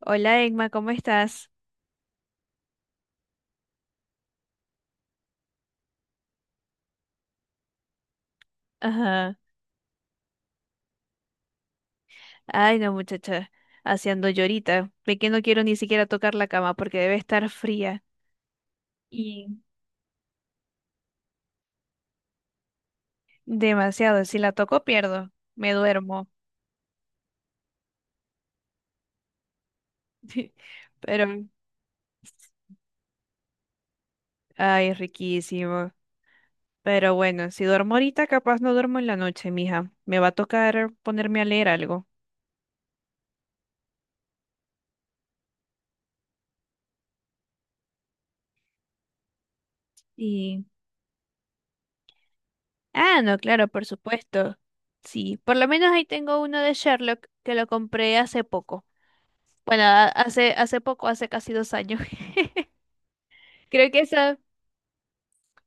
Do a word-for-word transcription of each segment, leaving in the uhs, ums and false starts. Hola, Emma, ¿cómo estás? Ajá. Ay, no, muchacha, haciendo llorita. Ve que no quiero ni siquiera tocar la cama porque debe estar fría. Y Demasiado, si la toco pierdo, me duermo. Pero, ay, riquísimo. Pero bueno, si duermo ahorita, capaz no duermo en la noche, mija. Me va a tocar ponerme a leer algo. y Ah, no, claro, por supuesto. Sí, por lo menos ahí tengo uno de Sherlock que lo compré hace poco. Bueno, a- hace, hace poco, hace casi dos años. Creo que esa,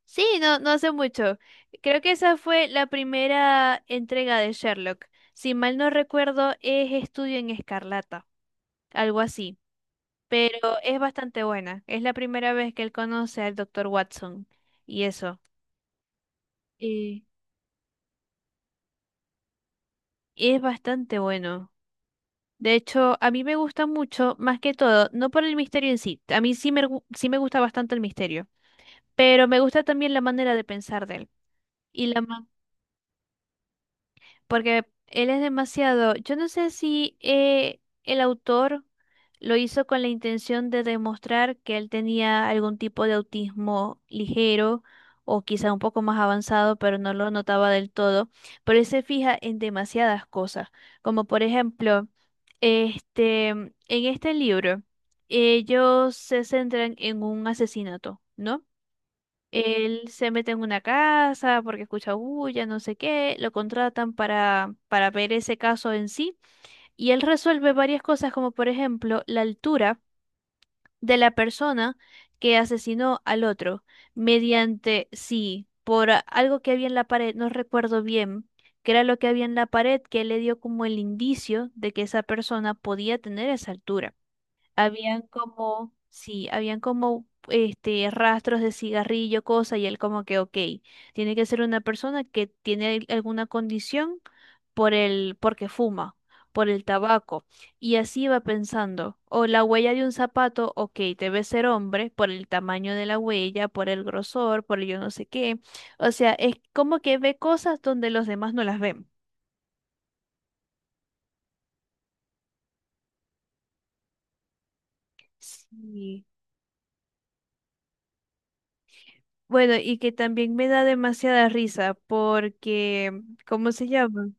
sí, no, no hace mucho. Creo que esa fue la primera entrega de Sherlock. Si mal no recuerdo, es Estudio en Escarlata, algo así. Pero es bastante buena. Es la primera vez que él conoce al doctor Watson. Y eso. Eh, es bastante bueno. De hecho, a mí me gusta mucho, más que todo, no por el misterio en sí. A mí sí me, gu- sí me gusta bastante el misterio. Pero me gusta también la manera de pensar de él. Y la ma- Porque él es demasiado, yo no sé si eh, el autor lo hizo con la intención de demostrar que él tenía algún tipo de autismo ligero o quizá un poco más avanzado, pero no lo notaba del todo, pero él se fija en demasiadas cosas, como por ejemplo, este, en este libro, ellos se centran en un asesinato, ¿no? Él se mete en una casa porque escucha bulla, no sé qué, lo contratan para, para ver ese caso en sí y él resuelve varias cosas como por ejemplo la altura de la persona que asesinó al otro mediante, sí, por a- algo que había en la pared, no recuerdo bien, que era lo que había en la pared que le dio como el indicio de que esa persona podía tener esa altura. Habían como, sí, habían como este rastros de cigarrillo, cosa, y él como que, ok, tiene que ser una persona que tiene al- alguna condición por el, porque fuma, por el tabaco. Y así va pensando. O la huella de un zapato, ok, debe ser hombre, por el tamaño de la huella, por el grosor, por el yo no sé qué. O sea, es como que ve cosas donde los demás no las ven. Sí. Bueno, y que también me da demasiada risa porque, ¿cómo se llama?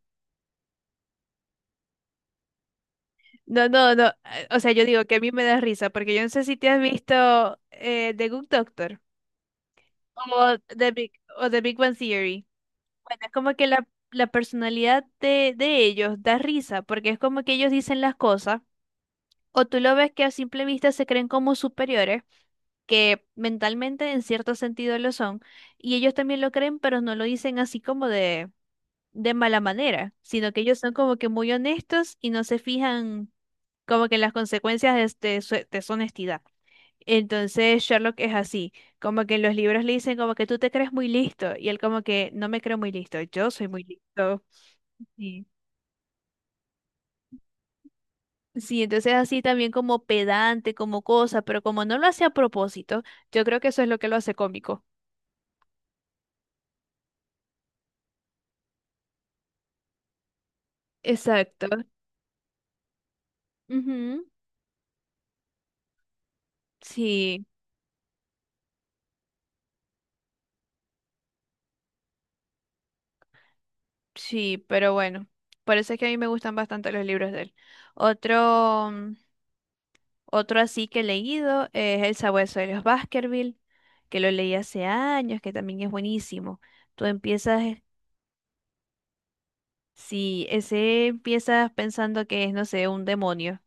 No, no, no, eh, o sea, yo digo que a mí me da risa porque yo no sé si te has visto eh, The Good Doctor o The Big, o The Big Bang Theory. Bueno, es como que la, la personalidad de, de ellos da risa porque es como que ellos dicen las cosas o tú lo ves que a simple vista se creen como superiores, que mentalmente en cierto sentido lo son, y ellos también lo creen, pero no lo dicen así como de... de mala manera, sino que ellos son como que muy honestos y no se fijan como que en las consecuencias de, este su de su honestidad. Entonces Sherlock es así, como que en los libros le dicen como que tú te crees muy listo y él como que no me creo muy listo, yo soy muy listo. Sí. Sí, entonces así también como pedante, como cosa, pero como no lo hace a propósito, yo creo que eso es lo que lo hace cómico. Exacto. Ujú. Sí. Sí, pero bueno, por eso es que a mí me gustan bastante los libros de él. Otro, mm, otro así que he leído es El sabueso de los Baskerville, que lo leí hace años, que también es buenísimo. Tú empiezas, sí, ese empiezas pensando que es, no sé, un demonio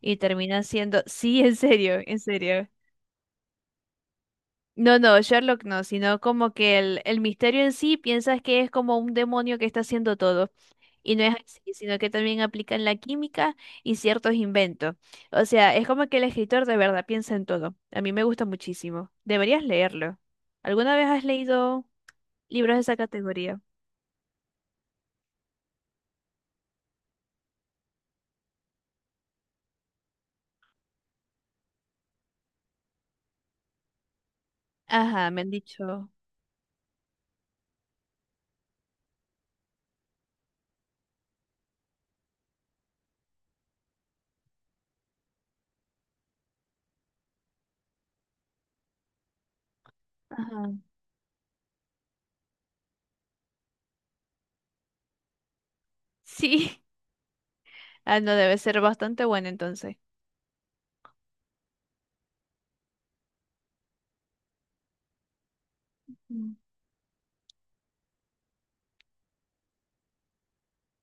y termina siendo, sí, en serio, en serio. No, no, Sherlock no, sino como que el, el misterio en sí piensas que es como un demonio que está haciendo todo. Y no es así, sino que también aplican la química y ciertos inventos. O sea, es como que el escritor de verdad piensa en todo. A mí me gusta muchísimo. Deberías leerlo. ¿Alguna vez has leído libros de esa categoría? Ajá, me han dicho. Ajá. Sí. Ah, no, debe ser bastante bueno entonces. Mm.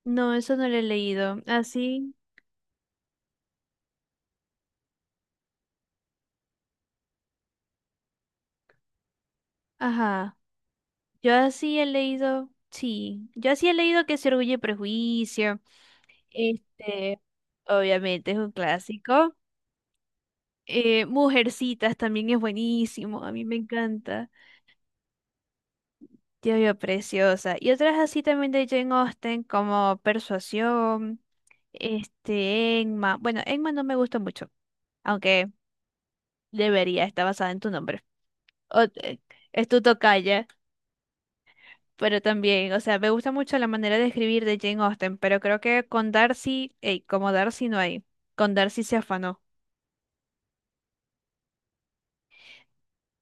No, eso no lo he leído. Así, ajá. Yo así he leído, sí. Yo así he leído que se orgulle y prejuicio. Este, obviamente es un clásico. Eh, Mujercitas también es buenísimo, a mí me encanta. Dios mío, preciosa. Y otras así también de Jane Austen, como Persuasión, este, Enma. Bueno, Enma no me gusta mucho, aunque debería, está basada en tu nombre. O- eh, es tu tocaya, pero también, o sea, me gusta mucho la manera de escribir de Jane Austen, pero creo que con Darcy, ey, como Darcy no hay, con Darcy se afanó.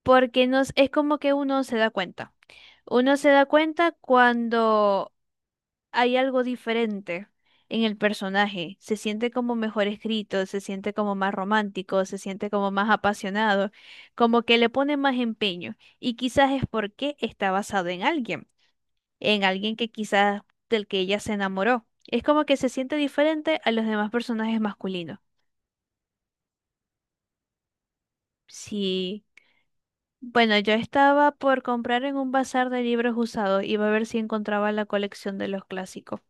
Porque nos, es como que uno se da cuenta. Uno se da cuenta cuando hay algo diferente en el personaje. Se siente como mejor escrito, se siente como más romántico, se siente como más apasionado, como que le pone más empeño. Y quizás es porque está basado en alguien, en alguien que quizás del que ella se enamoró. Es como que se siente diferente a los demás personajes masculinos. Sí. Bueno, yo estaba por comprar en un bazar de libros usados. Iba a ver si encontraba la colección de los clásicos.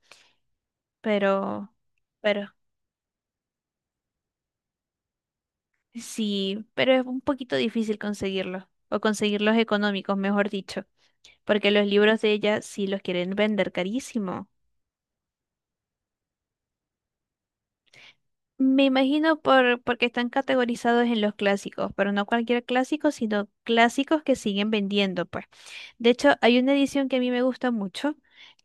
Pero, pero Sí, pero es un poquito difícil conseguirlos, o conseguirlos económicos, mejor dicho, porque los libros de ella sí los quieren vender carísimo. Me imagino por, porque están categorizados en los clásicos, pero no cualquier clásico, sino clásicos que siguen vendiendo, pues. De hecho, hay una edición que a mí me gusta mucho,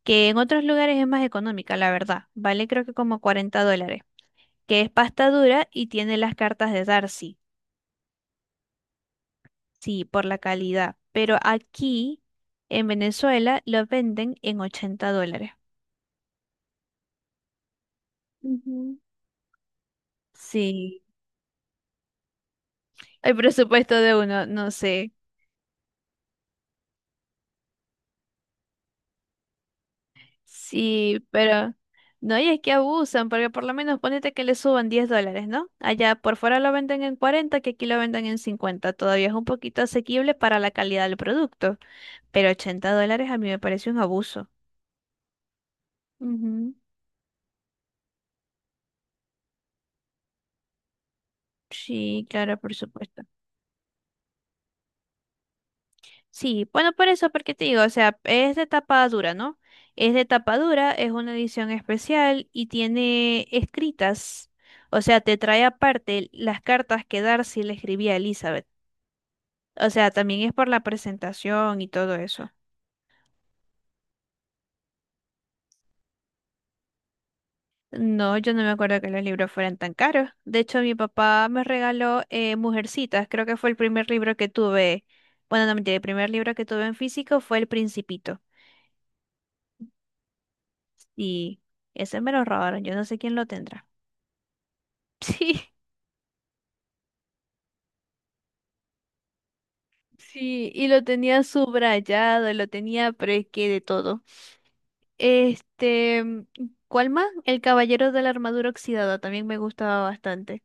que en otros lugares es más económica, la verdad. Vale creo que como cuarenta dólares, que es pasta dura y tiene las cartas de Darcy. Sí, por la calidad. Pero aquí en Venezuela lo venden en ochenta dólares. Ujú. Sí. El presupuesto de uno, no sé. Sí, pero no, y es que abusan, porque por lo menos ponete que le suban diez dólares, ¿no? Allá por fuera lo venden en cuarenta, que aquí lo venden en cincuenta, todavía es un poquito asequible para la calidad del producto, pero ochenta dólares a mí me parece un abuso. Ujú. Sí, claro, por supuesto. Sí, bueno, por eso, porque te digo, o sea, es de tapa dura, ¿no? Es de tapa dura, es una edición especial y tiene escritas, o sea, te trae aparte las cartas que Darcy le escribía a Elizabeth. O sea, también es por la presentación y todo eso. No, yo no me acuerdo que los libros fueran tan caros. De hecho, mi papá me regaló eh, Mujercitas, creo que fue el primer libro que tuve. Bueno, no mentira, el primer libro que tuve en físico fue El Principito. Y ese me lo robaron, yo no sé quién lo tendrá. Sí. Sí, y lo tenía subrayado, lo tenía, pero es que de todo. Este, mm, ¿Cuál más? El Caballero de la Armadura Oxidada, también me gustaba bastante.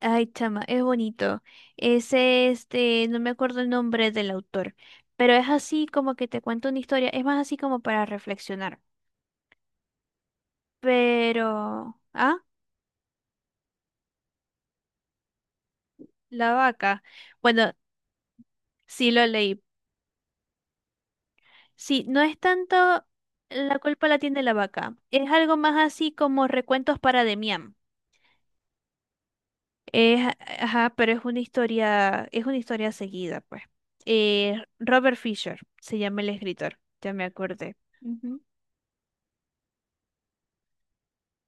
Ay, chama, es bonito. Ese, este, no me acuerdo el nombre del autor, pero es así como que te cuento una historia, es más así como para reflexionar. Pero, ah, la vaca. Bueno, sí lo leí. Sí, no es tanto la culpa la tiene la vaca, es algo más así como recuentos para Demián. Es, ajá, pero es una historia, es una historia seguida, pues. Eh, Robert Fisher se llama el escritor, ya me acordé. Ujú.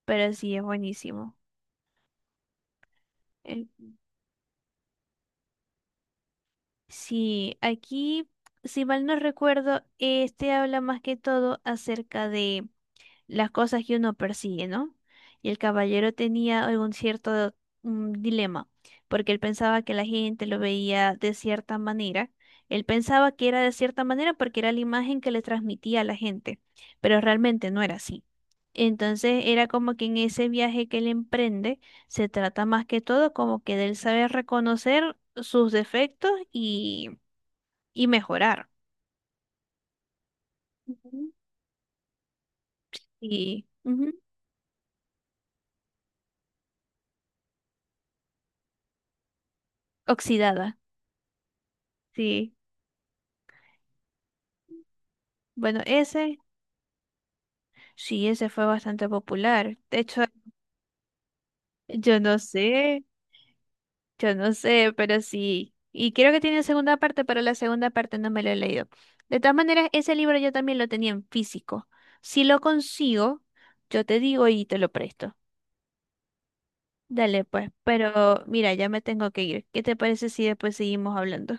Pero sí, es buenísimo. El- sí, aquí, si mal no recuerdo, este habla más que todo acerca de las cosas que uno persigue, ¿no? Y el caballero tenía algún cierto mm, dilema, porque él pensaba que la gente lo veía de cierta manera. Él pensaba que era de cierta manera porque era la imagen que le transmitía a la gente, pero realmente no era así. Entonces era como que en ese viaje que él emprende se trata más que todo como que de él saber reconocer sus defectos y, y mejorar. Ujú. Y ujú, oxidada, sí. Bueno, ese. Sí, ese fue bastante popular. De hecho, yo no sé, yo no sé, pero sí. Y creo que tiene segunda parte, pero la segunda parte no me lo he leído. De todas maneras, ese libro yo también lo tenía en físico. Si lo consigo, yo te digo y te lo presto. Dale, pues. Pero mira, ya me tengo que ir. ¿Qué te parece si después seguimos hablando?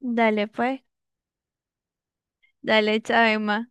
Dale, pues. Dale, chao, Emma.